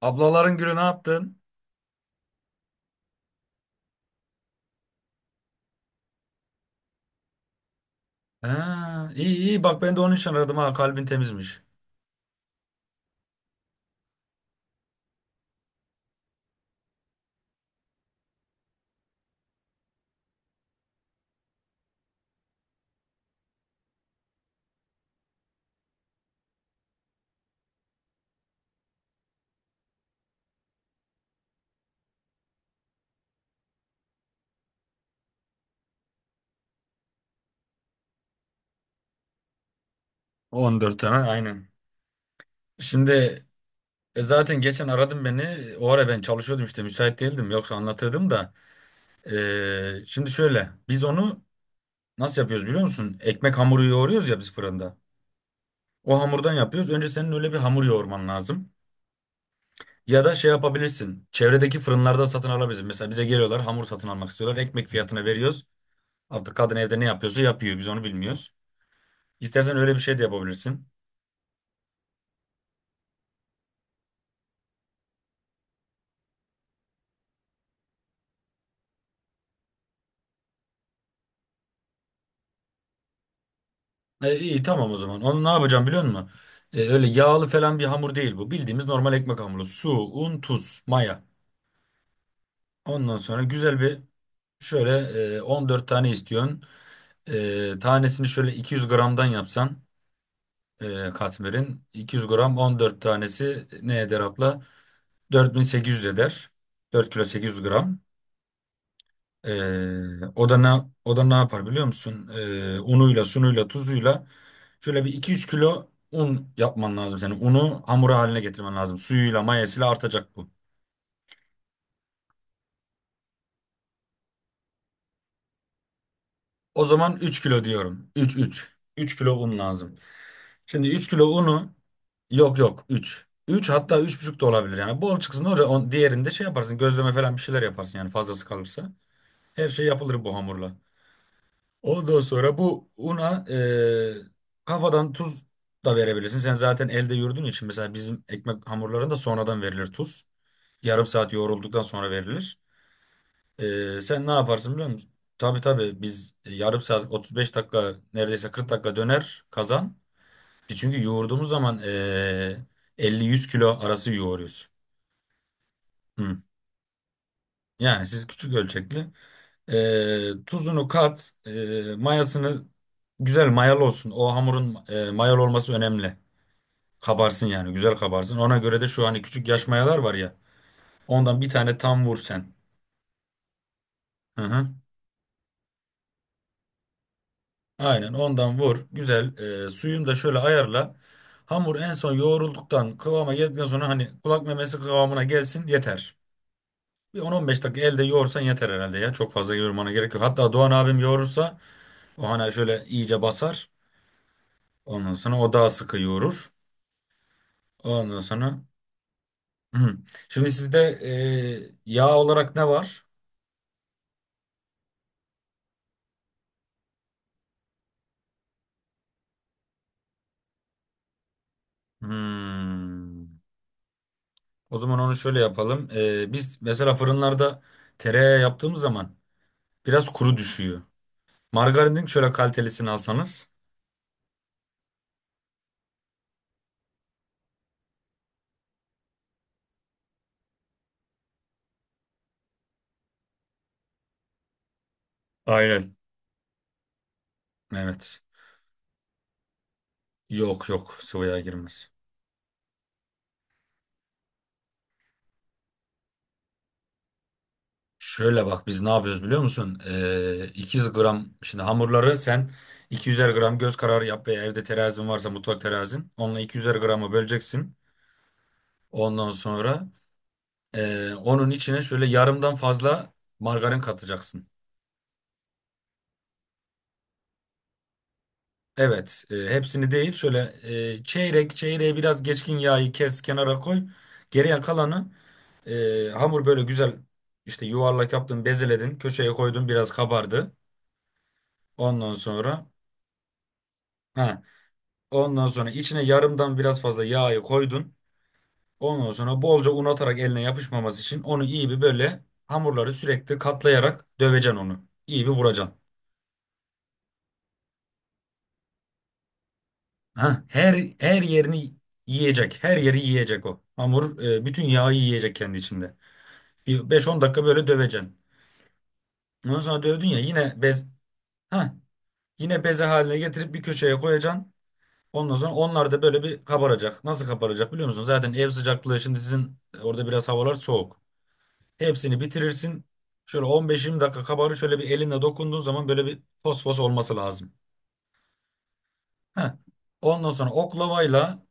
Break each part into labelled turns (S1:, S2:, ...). S1: Ablaların gülü ne yaptın? Ha, iyi iyi bak, ben de onun için aradım, ha, kalbin temizmiş. 14 tane, aynen. Şimdi zaten geçen aradım beni. O ara ben çalışıyordum, işte müsait değildim, yoksa anlatırdım da. Şimdi şöyle biz onu nasıl yapıyoruz biliyor musun? Ekmek hamuru yoğuruyoruz ya biz fırında. O hamurdan yapıyoruz. Önce senin öyle bir hamur yoğurman lazım. Ya da şey yapabilirsin. Çevredeki fırınlarda satın alabilirsin. Mesela bize geliyorlar, hamur satın almak istiyorlar. Ekmek fiyatına veriyoruz. Artık kadın evde ne yapıyorsa yapıyor. Biz onu bilmiyoruz. İstersen öyle bir şey de yapabilirsin. E, iyi tamam o zaman. Onu ne yapacağım biliyor musun? Öyle yağlı falan bir hamur değil bu. Bildiğimiz normal ekmek hamuru. Su, un, tuz, maya. Ondan sonra güzel bir şöyle 14 tane istiyorsun. Tanesini şöyle 200 gramdan yapsan katmerin. 200 gram 14 tanesi ne eder, abla? 4.800 eder. 4 kilo 800 gram. Ee, o da ne o da ne yapar biliyor musun? Unuyla, sunuyla, tuzuyla şöyle bir iki üç kilo un yapman lazım senin. Unu hamura haline getirmen lazım. Suyuyla, mayasıyla artacak bu. O zaman 3 kilo diyorum. Üç kilo un lazım. Şimdi 3 kilo unu, yok yok, üç hatta üç buçuk da olabilir yani. Bol çıksın oraya on, diğerinde şey yaparsın. Gözleme falan bir şeyler yaparsın yani fazlası kalırsa. Her şey yapılır bu hamurla. Ondan sonra bu una kafadan tuz da verebilirsin. Sen zaten elde yoğurduğun için, mesela bizim ekmek hamurlarında sonradan verilir tuz. Yarım saat yoğrulduktan sonra verilir. Sen ne yaparsın biliyor musun? Tabii tabii, biz yarım saat 35 dakika, neredeyse 40 dakika döner kazan. Çünkü yoğurduğumuz zaman 50-100 kilo arası yoğuruyoruz. Hı. Yani siz küçük ölçekli. Tuzunu kat, mayasını güzel mayalı olsun. O hamurun mayalı olması önemli. Kabarsın yani, güzel kabarsın. Ona göre de şu hani küçük yaş mayalar var ya. Ondan bir tane tam vur sen. Hı hı. Aynen, ondan vur. Güzel. Suyunu da şöyle ayarla. Hamur en son yoğrulduktan, kıvama geldikten sonra hani kulak memesi kıvamına gelsin yeter. Bir 10-15 dakika elde yoğursan yeter herhalde ya. Çok fazla yoğurmana gerek yok. Hatta Doğan abim yoğurursa, o hani şöyle iyice basar. Ondan sonra o daha sıkı yoğurur. Ondan sonra. Hı. Şimdi sizde yağ olarak ne var? Hmm. O zaman onu şöyle yapalım. Biz mesela fırınlarda tereyağı yaptığımız zaman biraz kuru düşüyor. Margarinin şöyle kalitelisini alsanız. Aynen. Evet. Yok yok, sıvı yağ girmez. Şöyle bak, biz ne yapıyoruz biliyor musun? 200 gram şimdi hamurları sen 200'er gram göz kararı yap, veya evde terazin varsa mutfak terazin. Onunla 200'er gramı böleceksin. Ondan sonra onun içine şöyle yarımdan fazla margarin katacaksın. Evet, hepsini değil, şöyle çeyrek çeyreğe biraz geçkin yağı kes, kenara koy. Geriye kalanı hamur böyle güzel, işte yuvarlak yaptın, bezeledin, köşeye koydun, biraz kabardı. Ondan sonra ha, ondan sonra içine yarımdan biraz fazla yağı koydun. Ondan sonra bolca un atarak, eline yapışmaması için, onu iyi bir böyle hamurları sürekli katlayarak döveceksin onu. İyi bir vuracaksın. Ha, her yerini yiyecek. Her yeri yiyecek o. Hamur bütün yağı yiyecek kendi içinde. Bir 5-10 dakika böyle döveceksin. Ondan sonra dövdün ya, ha yine beze haline getirip bir köşeye koyacaksın. Ondan sonra onlar da böyle bir kabaracak. Nasıl kabaracak biliyor musun? Zaten ev sıcaklığı, şimdi sizin orada biraz havalar soğuk. Hepsini bitirirsin. Şöyle 15-20 dakika kabarır. Şöyle bir elinle dokunduğun zaman böyle bir fosfos olması lazım. Ha. Ondan sonra oklavayla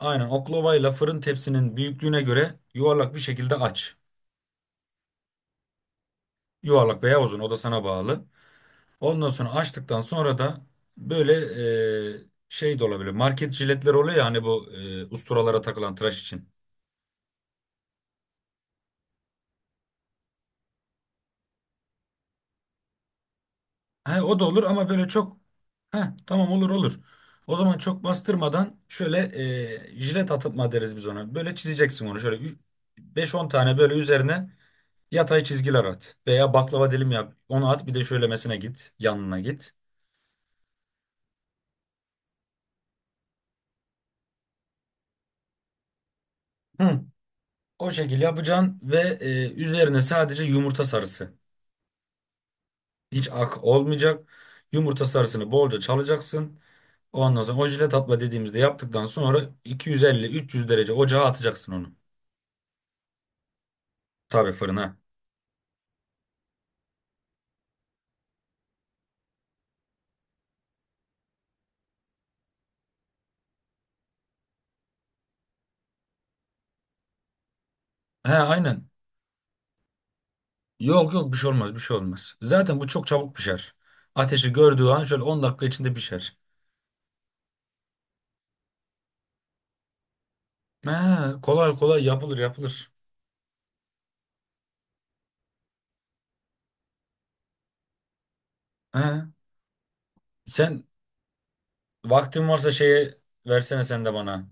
S1: Aynen oklavayla fırın tepsinin büyüklüğüne göre yuvarlak bir şekilde aç. Yuvarlak veya uzun, o da sana bağlı. Ondan sonra, açtıktan sonra da, böyle şey de olabilir. Market jiletler oluyor ya, hani bu usturalara takılan tıraş için. He, o da olur, ama böyle çok, tamam, olur olur. O zaman çok bastırmadan, şöyle jilet atma deriz biz ona. Böyle çizeceksin onu, şöyle 5-10 tane böyle üzerine yatay çizgiler at. Veya baklava dilim yap. Onu at, bir de şöylemesine git, yanına git. Hı. O şekil yapacaksın ve üzerine sadece yumurta sarısı. Hiç ak olmayacak. Yumurta sarısını bolca çalacaksın. Ondan sonra, o jilet atma dediğimizde, yaptıktan sonra 250-300 derece ocağa atacaksın onu. Tabii fırına. He, aynen. Yok yok, bir şey olmaz, bir şey olmaz. Zaten bu çok çabuk pişer. Ateşi gördüğü an şöyle 10 dakika içinde pişer. He, kolay kolay yapılır yapılır. He, sen vaktin varsa şeye versene sen de bana.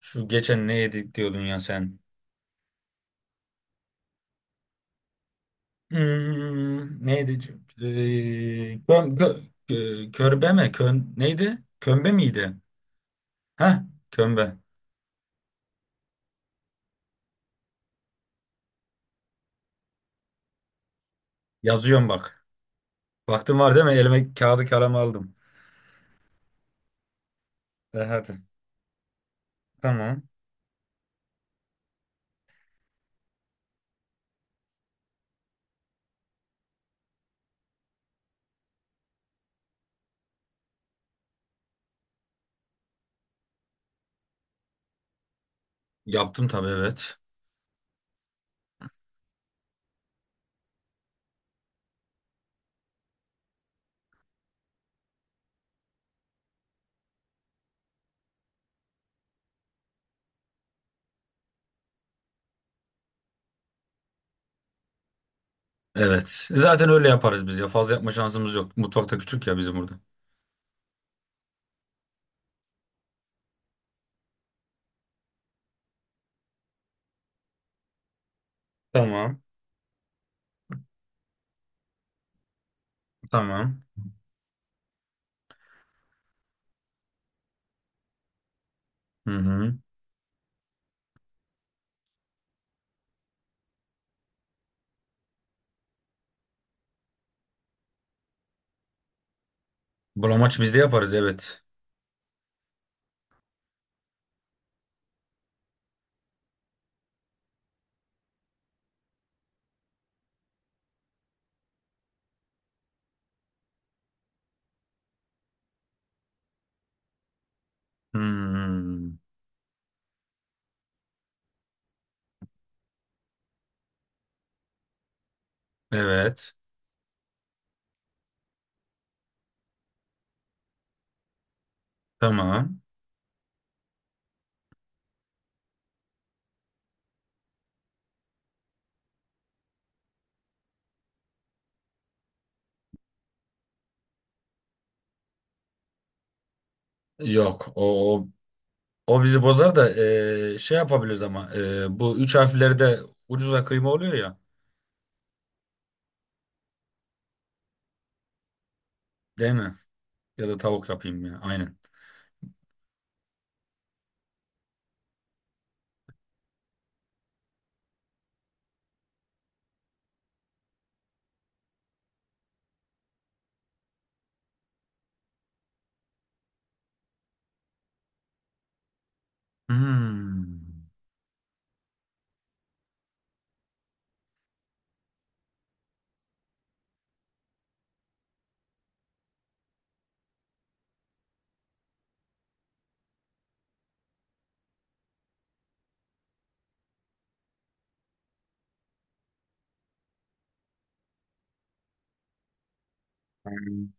S1: Şu geçen ne yedik diyordun ya sen. Hmm, neydi? Ee, gö, gö, körbe mi? Neydi? Kömbe miydi? Heh, kömbe. Yazıyorum bak. Baktın, var değil mi? Elime kağıdı kalemi aldım. Hadi. Tamam. Yaptım tabii, evet. Evet. Zaten öyle yaparız biz ya. Fazla yapma şansımız yok. Mutfakta küçük ya bizim burada. Tamam. Tamam. Hı hı. Bulamaç biz de yaparız, evet. Hmm, evet. Tamam. Yok. O bizi bozar da şey yapabiliriz, ama bu üç harfleri de ucuza kıyma oluyor ya, değil mi? Ya da tavuk yapayım ya, aynen. Hmm.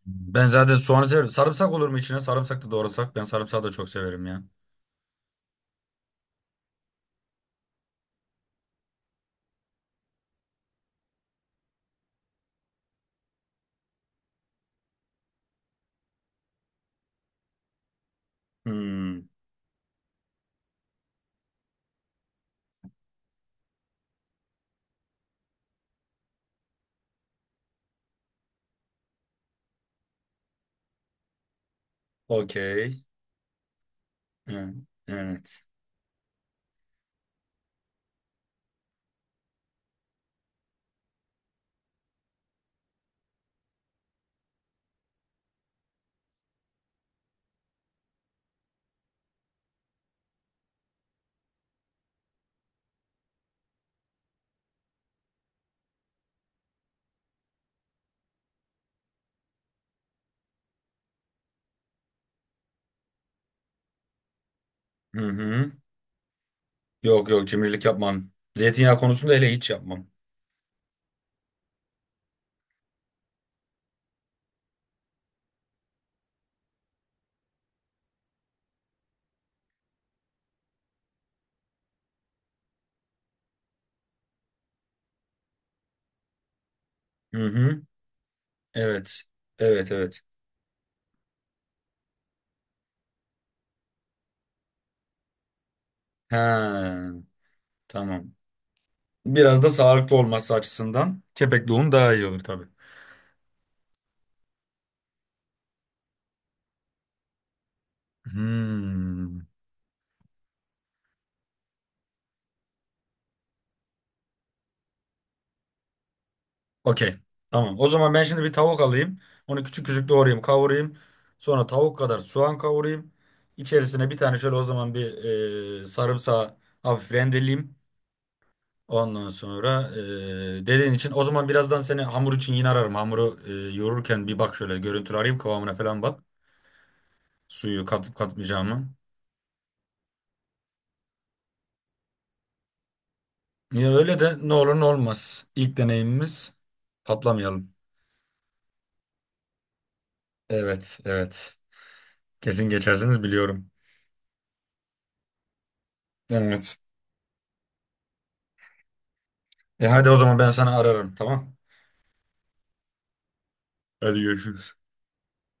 S1: Ben zaten soğanı severim. Sarımsak olur mu içine? Sarımsak da doğrasak. Ben sarımsağı da çok severim ya. Hmm. Okey. Hı, evet. Hı hı. Yok yok, cimrilik yapmam. Zeytinyağı konusunda hele hiç yapmam. Hı hı. Evet. Evet evet. Ha, tamam. Biraz da sağlıklı olması açısından kepekli un daha iyi olur tabii. Hmm. Okey. Tamam. O zaman ben şimdi bir tavuk alayım. Onu küçük küçük doğrayayım, kavurayım. Sonra tavuk kadar soğan kavurayım. İçerisine bir tane şöyle, o zaman bir, sarımsağı hafif rendeleyeyim. Ondan sonra, dediğin için o zaman birazdan seni hamur için yine ararım. Hamuru yoğururken bir bak, şöyle görüntülü arayayım kıvamına falan bak. Suyu katıp katmayacağımı. Ya öyle de, ne olur ne olmaz. İlk deneyimimiz patlamayalım. Evet, evet. Kesin geçersiniz biliyorum. Evet. Hadi o zaman ben sana ararım, tamam. Hadi görüşürüz.